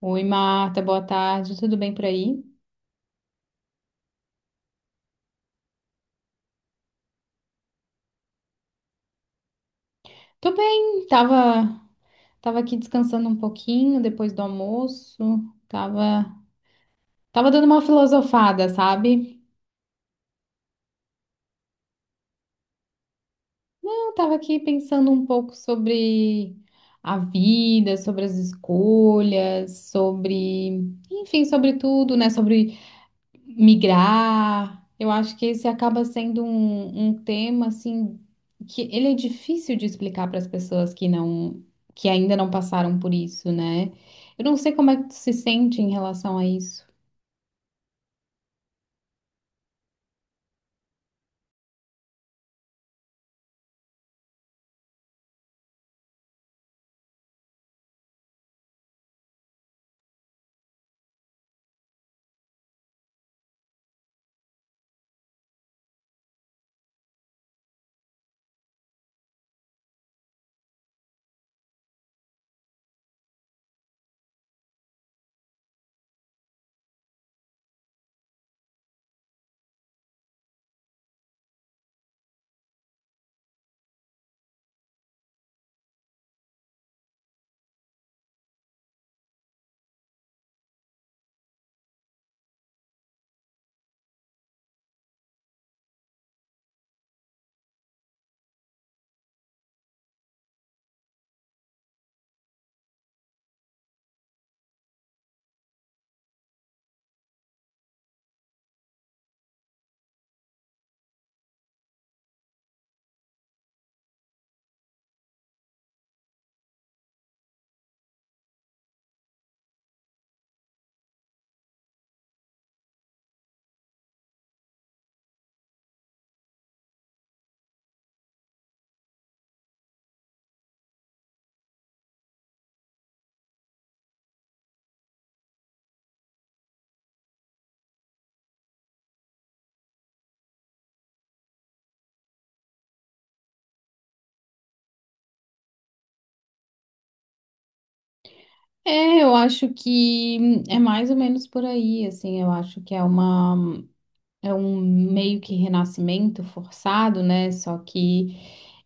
Oi, Marta, boa tarde. Tudo bem por aí? Tô bem, tava aqui descansando um pouquinho depois do almoço. Tava, tava dando uma filosofada, sabe? Não, tava aqui pensando um pouco sobre a vida, sobre as escolhas, enfim, sobre tudo, né? Sobre migrar. Eu acho que esse acaba sendo um tema assim que ele é difícil de explicar para as pessoas que ainda não passaram por isso, né? Eu não sei como é que tu se sente em relação a isso. É, eu acho que é mais ou menos por aí, assim, eu acho que é uma é um meio que renascimento forçado, né? Só que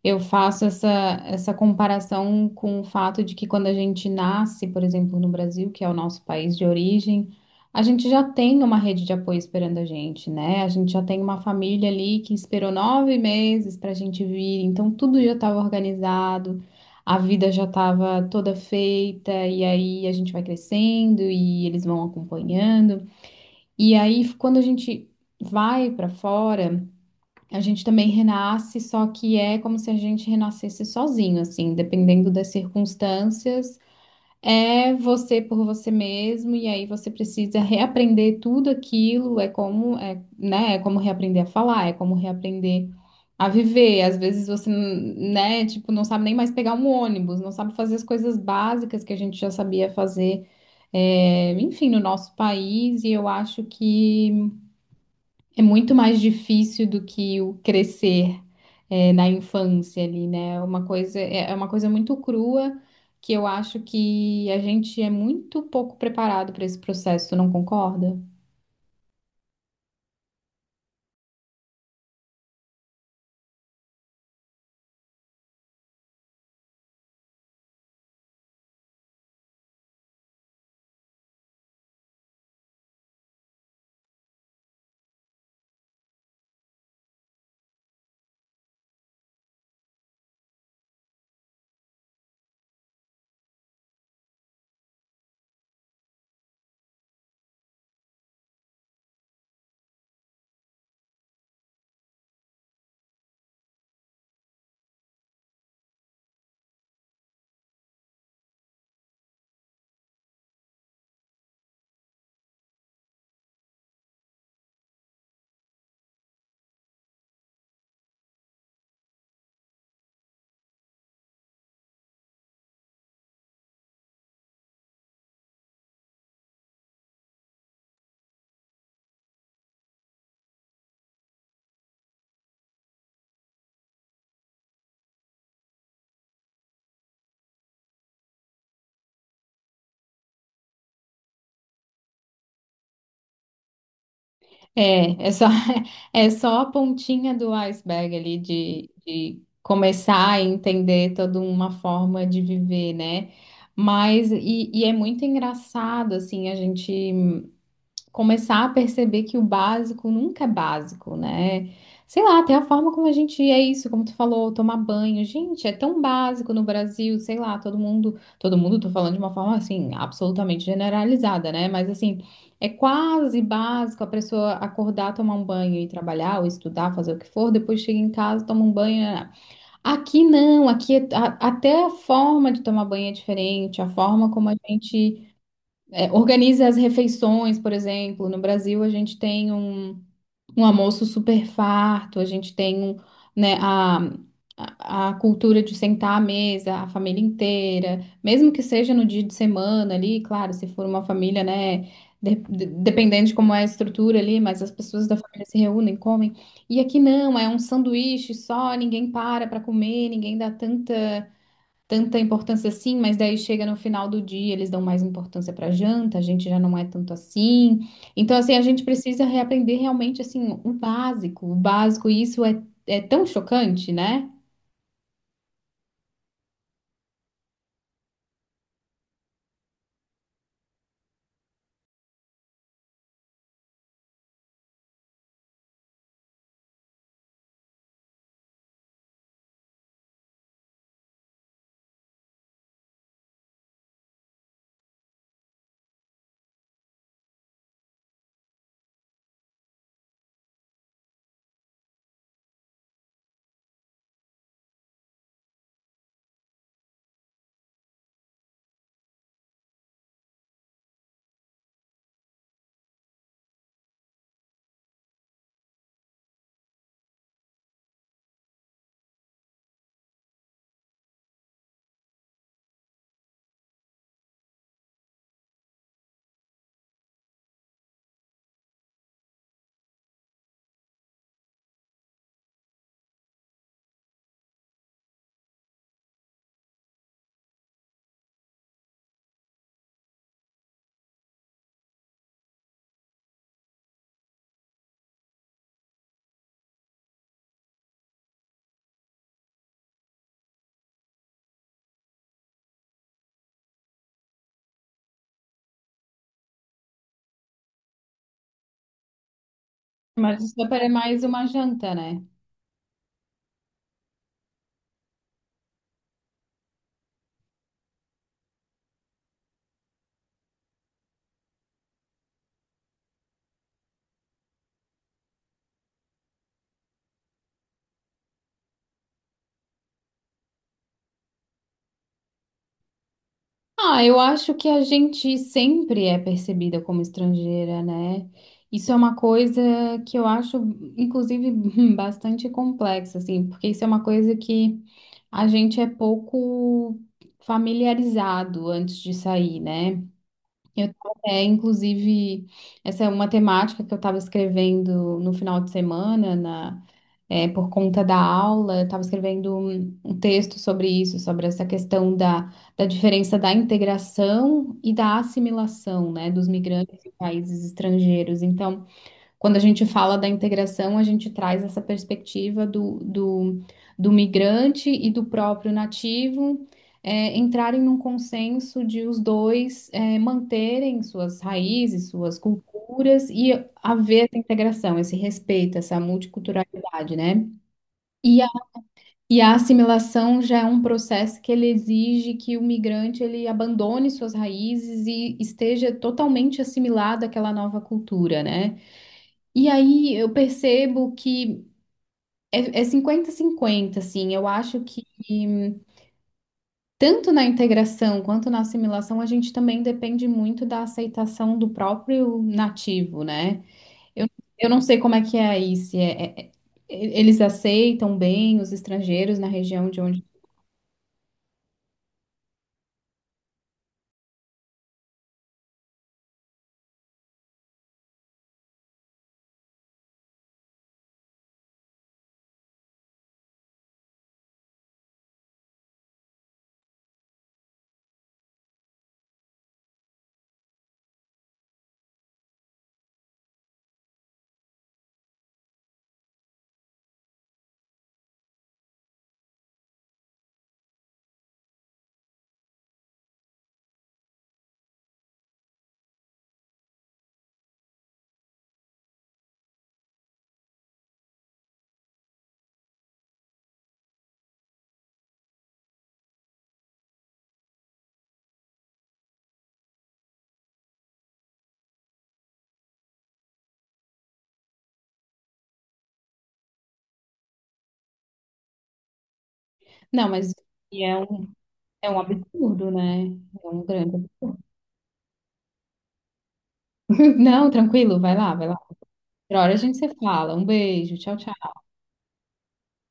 eu faço essa comparação com o fato de que quando a gente nasce, por exemplo, no Brasil, que é o nosso país de origem, a gente já tem uma rede de apoio esperando a gente, né? A gente já tem uma família ali que esperou nove meses para a gente vir, então tudo já estava organizado. A vida já estava toda feita, e aí a gente vai crescendo e eles vão acompanhando. E aí, quando a gente vai para fora, a gente também renasce, só que é como se a gente renascesse sozinho, assim, dependendo das circunstâncias. É você por você mesmo, e aí você precisa reaprender tudo aquilo, é como, é, né, é como reaprender a falar, é como reaprender a viver. Às vezes você, né, tipo, não sabe nem mais pegar um ônibus, não sabe fazer as coisas básicas que a gente já sabia fazer, é, enfim, no nosso país, e eu acho que é muito mais difícil do que o crescer na infância ali, né? É uma coisa, é uma coisa muito crua que eu acho que a gente é muito pouco preparado para esse processo, tu não concorda? É, é só, é só a pontinha do iceberg ali de começar a entender toda uma forma de viver, né? Mas, e é muito engraçado, assim, a gente começar a perceber que o básico nunca é básico, né? Sei lá, até a forma como a gente é isso, como tu falou, tomar banho. Gente, é tão básico no Brasil, sei lá, todo mundo, tô falando de uma forma assim, absolutamente generalizada, né? Mas assim, é quase básico a pessoa acordar, tomar um banho e trabalhar, ou estudar, fazer o que for, depois chega em casa, toma um banho, né? Aqui não, aqui é- a- até a forma de tomar banho é diferente, a forma como a gente é, organiza as refeições, por exemplo. No Brasil, a gente tem um almoço super farto, a gente tem um, né, a cultura de sentar à mesa, a família inteira, mesmo que seja no dia de semana ali, claro, se for uma família, né, de- dependendo de como é a estrutura ali, mas as pessoas da família se reúnem, comem. E aqui não, é um sanduíche só, ninguém para para comer, ninguém dá tanta importância assim, mas daí chega no final do dia, eles dão mais importância para janta, a gente já não é tanto assim. Então, assim, a gente precisa reaprender realmente, assim, o básico, e isso é, é tão chocante, né? Mas o supper é mais uma janta, né? Ah, eu acho que a gente sempre é percebida como estrangeira, né? Isso é uma coisa que eu acho, inclusive, bastante complexa, assim, porque isso é uma coisa que a gente é pouco familiarizado antes de sair, né? Eu tava até, inclusive, essa é uma temática que eu estava escrevendo no final de semana, na, é, por conta da aula, eu estava escrevendo um texto sobre isso, sobre essa questão da diferença da integração e da assimilação, né, dos migrantes em países estrangeiros. Então, quando a gente fala da integração, a gente traz essa perspectiva do migrante e do próprio nativo entrarem num consenso de os dois manterem suas raízes, suas culturas e haver essa integração, esse respeito, essa multiculturalidade, né? E a, e a assimilação já é um processo que ele exige que o migrante ele abandone suas raízes e esteja totalmente assimilado àquela nova cultura, né? E aí eu percebo que é 50-50, assim. Eu acho que tanto na integração quanto na assimilação a gente também depende muito da aceitação do próprio nativo, né? Eu, eu não sei como é que é aí, se é, é- é- eles aceitam bem os estrangeiros na região de onde. Não, mas e é um absurdo, né? É um grande. Não, tranquilo, vai lá, vai lá. Outra hora a gente se fala. Um beijo, tchau, tchau.